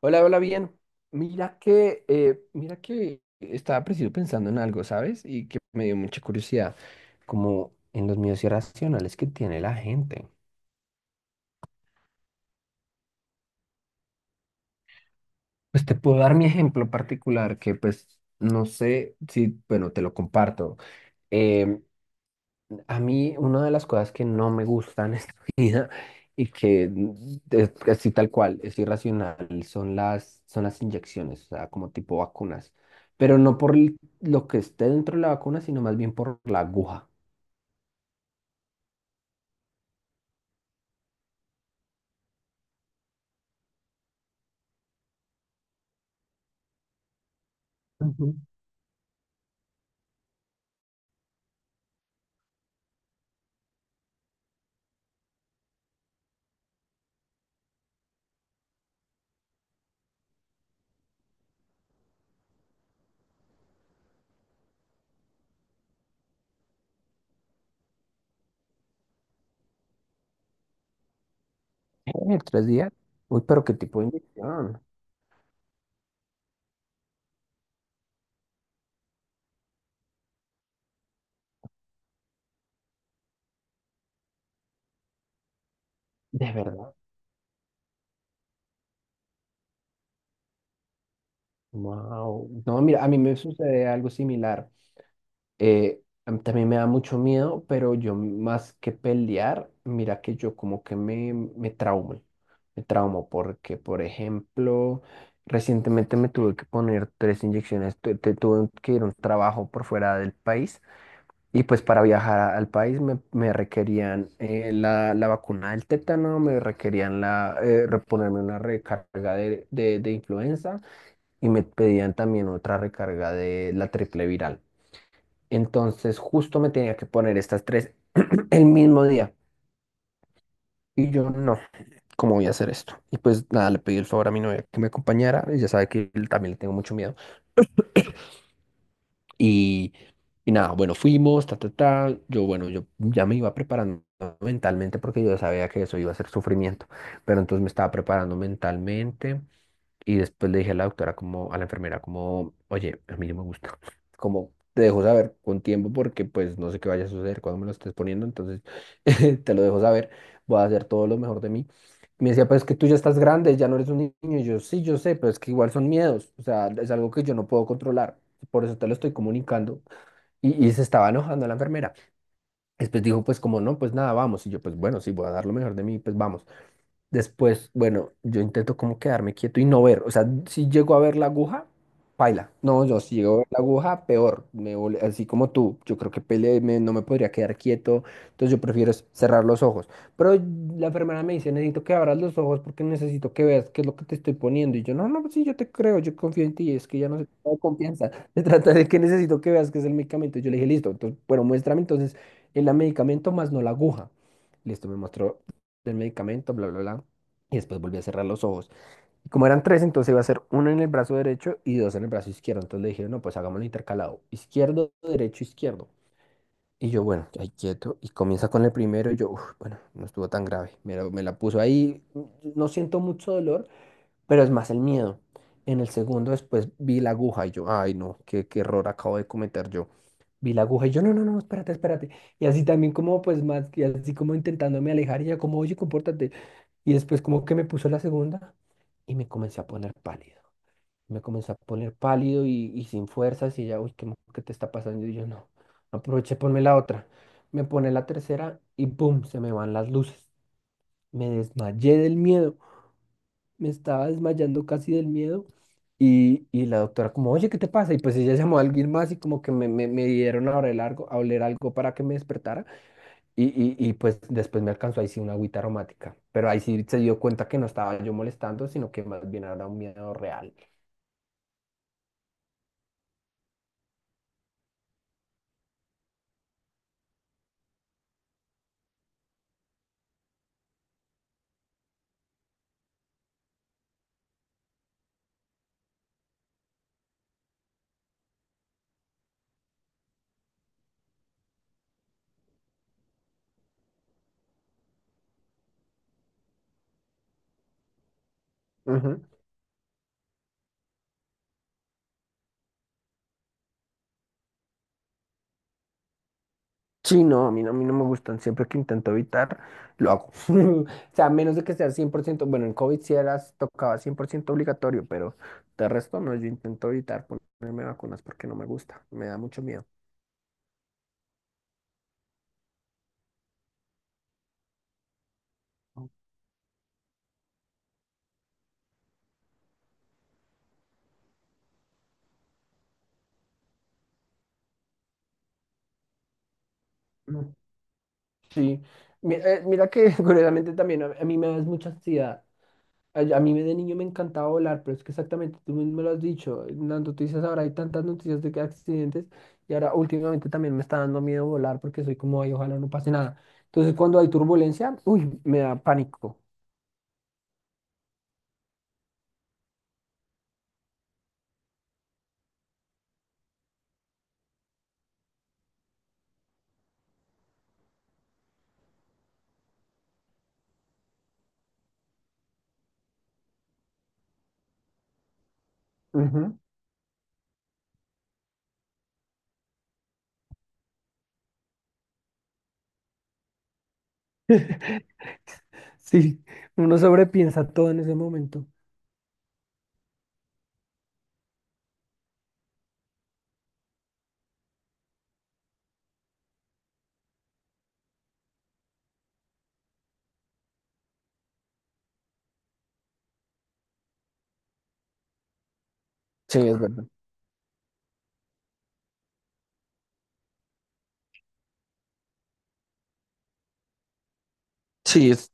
Hola, hola, bien. Mira que estaba preciso pensando en algo, ¿sabes? Y que me dio mucha curiosidad, como en los miedos irracionales que tiene la gente. Pues te puedo dar mi ejemplo particular, que pues no sé si, bueno, te lo comparto. Em, A mí una de las cosas que no me gusta en esta vida y que es así tal cual, es irracional, son las inyecciones, o sea, como tipo vacunas. Pero no por lo que esté dentro de la vacuna, sino más bien por la aguja. Ujú. Tres días. Uy, pero qué tipo de inyección. De verdad. Wow. No, mira, a mí me sucede algo similar. A mí también me da mucho miedo, pero yo más que pelear, mira que yo como que me, me traumo porque, por ejemplo, recientemente me tuve que poner tres inyecciones, tuve que ir a un trabajo por fuera del país y pues para viajar al país me, me requerían la, la vacuna del tétano, me requerían la, reponerme una recarga de, de influenza y me pedían también otra recarga de la triple viral. Entonces justo me tenía que poner estas tres el mismo día. Y yo no, ¿cómo voy a hacer esto? Y pues nada, le pedí el favor a mi novia que me acompañara. Ella sabe que él también le tengo mucho miedo. Y, y nada, bueno, fuimos, ta, ta, ta. Yo, bueno, yo ya me iba preparando mentalmente porque yo sabía que eso iba a ser sufrimiento. Pero entonces me estaba preparando mentalmente. Y después le dije a la doctora, como, a la enfermera, como, oye, a mí no me gusta. Como, te dejo saber con tiempo porque pues no sé qué vaya a suceder cuando me lo estés poniendo, entonces te lo dejo saber, voy a hacer todo lo mejor de mí. Me decía, pues que tú ya estás grande, ya no eres un niño. Y yo, sí, yo sé, pero es que igual son miedos, o sea, es algo que yo no puedo controlar. Por eso te lo estoy comunicando. Y se estaba enojando la enfermera. Después dijo, pues como no, pues nada, vamos. Y yo, pues bueno, sí, voy a dar lo mejor de mí, pues vamos. Después, bueno, yo intento como quedarme quieto y no ver. O sea, si llego a ver la aguja, paila. No, yo si llego a ver la aguja, peor. Me, así como tú, yo creo que pele, no me podría quedar quieto. Entonces yo prefiero es cerrar los ojos. Pero la enfermera me dice, necesito que abras los ojos porque necesito que veas qué es lo que te estoy poniendo. Y yo, no, no, pues sí, yo te creo, yo confío en ti. Es que ya no se trata de confianza. Se trata de que necesito que veas qué es el medicamento. Yo le dije, listo, entonces, bueno, muéstrame entonces el medicamento más no la aguja. Listo, me mostró del medicamento, bla, bla, bla. Y después volví a cerrar los ojos. Y como eran tres, entonces iba a ser uno en el brazo derecho y dos en el brazo izquierdo. Entonces le dije, no, pues hagámoslo intercalado. Izquierdo, derecho, izquierdo. Y yo, bueno, ahí quieto. Y comienza con el primero. Y yo, "Uf, bueno, no estuvo tan grave. Me la puso ahí. No siento mucho dolor, pero es más el miedo. En el segundo después vi la aguja y yo, ay no, qué, qué error acabo de cometer yo. Vi la aguja y yo, no, no, no, espérate, espérate. Y así también como pues más, y así como intentándome alejar y ella como, oye, compórtate. Y después como que me puso la segunda y me comencé a poner pálido. Me comencé a poner pálido y sin fuerzas y ya, uy, ¿qué, qué te está pasando? Y yo no, aproveché, ponme la otra. Me pone la tercera y ¡pum! Se me van las luces. Me desmayé del miedo. Me estaba desmayando casi del miedo. Y la doctora como, oye, ¿qué te pasa? Y pues ella llamó a alguien más y como que me, me dieron a oler algo para que me despertara. Y, y pues después me alcanzó ahí sí una agüita aromática, pero ahí sí se dio cuenta que no estaba yo molestando, sino que más bien era un miedo real. Ujú. Sí, no, a mí no, a mí no me gustan, siempre que intento evitar, lo hago. O sea, a menos de que sea 100% bueno, en COVID sí era, tocaba 100% obligatorio, pero de resto no, yo intento evitar ponerme vacunas porque no me gusta, me da mucho miedo. Mm, Sí, mira que curiosamente también a mí me da es mucha ansiedad. A mí de niño me encantaba volar, pero es que exactamente tú mismo lo has dicho. En las noticias ahora hay tantas noticias de que accidentes y ahora últimamente también me está dando miedo volar porque soy como, ay, ojalá no pase nada. Entonces cuando hay turbulencia, uy, me da pánico. Ujú. Sí, uno sobrepiensa todo en ese momento. Sí, es verdad. Sí, es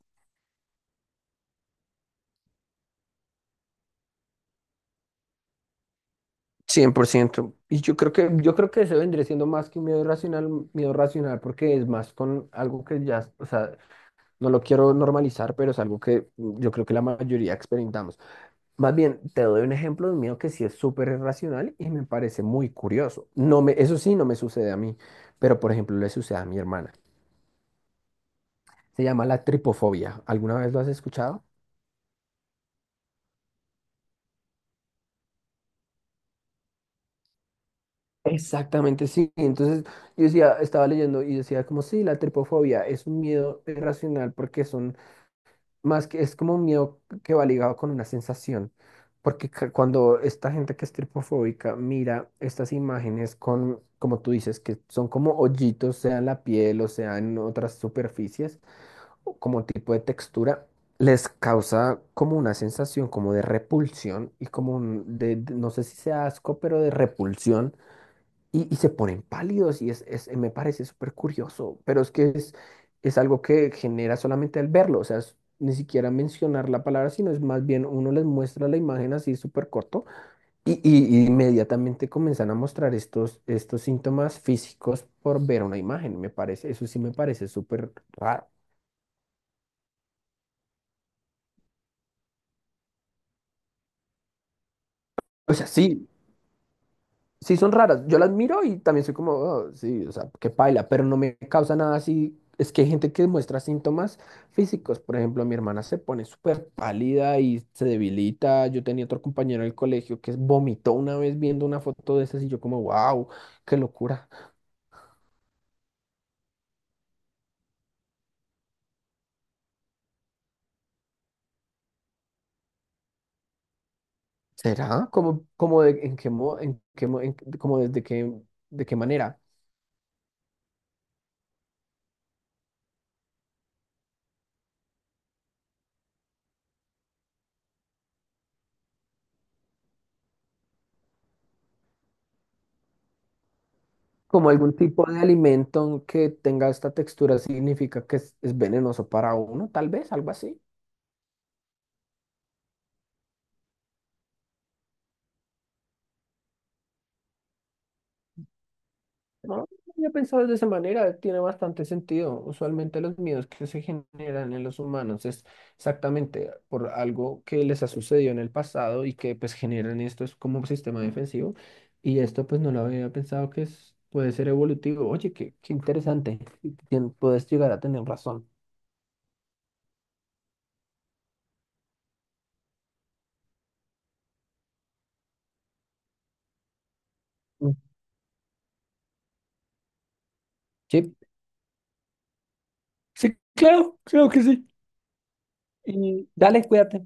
100%. Y yo creo que eso vendría siendo más que un miedo irracional, un miedo racional, porque es más con algo que ya, o sea, no lo quiero normalizar, pero es algo que yo creo que la mayoría experimentamos. Más bien, te doy un ejemplo de un miedo que sí es súper irracional y me parece muy curioso. No me, eso sí, no me sucede a mí, pero por ejemplo, le sucede a mi hermana. Se llama la tripofobia. ¿Alguna vez lo has escuchado? Exactamente, sí. Entonces yo decía, estaba leyendo y decía como sí, la tripofobia es un miedo irracional porque son más que es como un miedo que va ligado con una sensación, porque cuando esta gente que es tripofóbica mira estas imágenes con, como tú dices, que son como hoyitos, sea en la piel o sea en otras superficies, o como tipo de textura, les causa como una sensación como de repulsión y como un, de, no sé si sea asco, pero de repulsión y se ponen pálidos y es, me parece súper curioso, pero es que es algo que genera solamente al verlo, o sea, ni siquiera mencionar la palabra, sino es más bien uno les muestra la imagen así súper corto y, y inmediatamente comienzan a mostrar estos, estos síntomas físicos por ver una imagen, me parece, eso sí me parece súper raro. O sea, sí, sí son raras. Yo las miro y también soy como, "Oh, sí, o sea, qué paila, pero no me causa nada así. Es que hay gente que muestra síntomas físicos. Por ejemplo, mi hermana se pone súper pálida y se debilita. Yo tenía otro compañero del colegio que vomitó una vez viendo una foto de esas y yo como, wow, qué locura. ¿Será? ¿Cómo, cómo en qué en qué en- como desde qué, de qué manera? Como algún tipo de alimento que tenga esta textura significa que es venenoso para uno, tal vez, algo así. No, yo he pensado de esa manera, tiene bastante sentido. Usualmente los miedos que se generan en los humanos es exactamente por algo que les ha sucedido en el pasado y que pues generan esto es como un sistema defensivo y esto pues no lo había pensado que es, puede ser evolutivo. Oye, qué, qué interesante. Y puedes llegar a tener razón. Mm. Sí, sí, claro, creo que sí. Y dale, cuídate.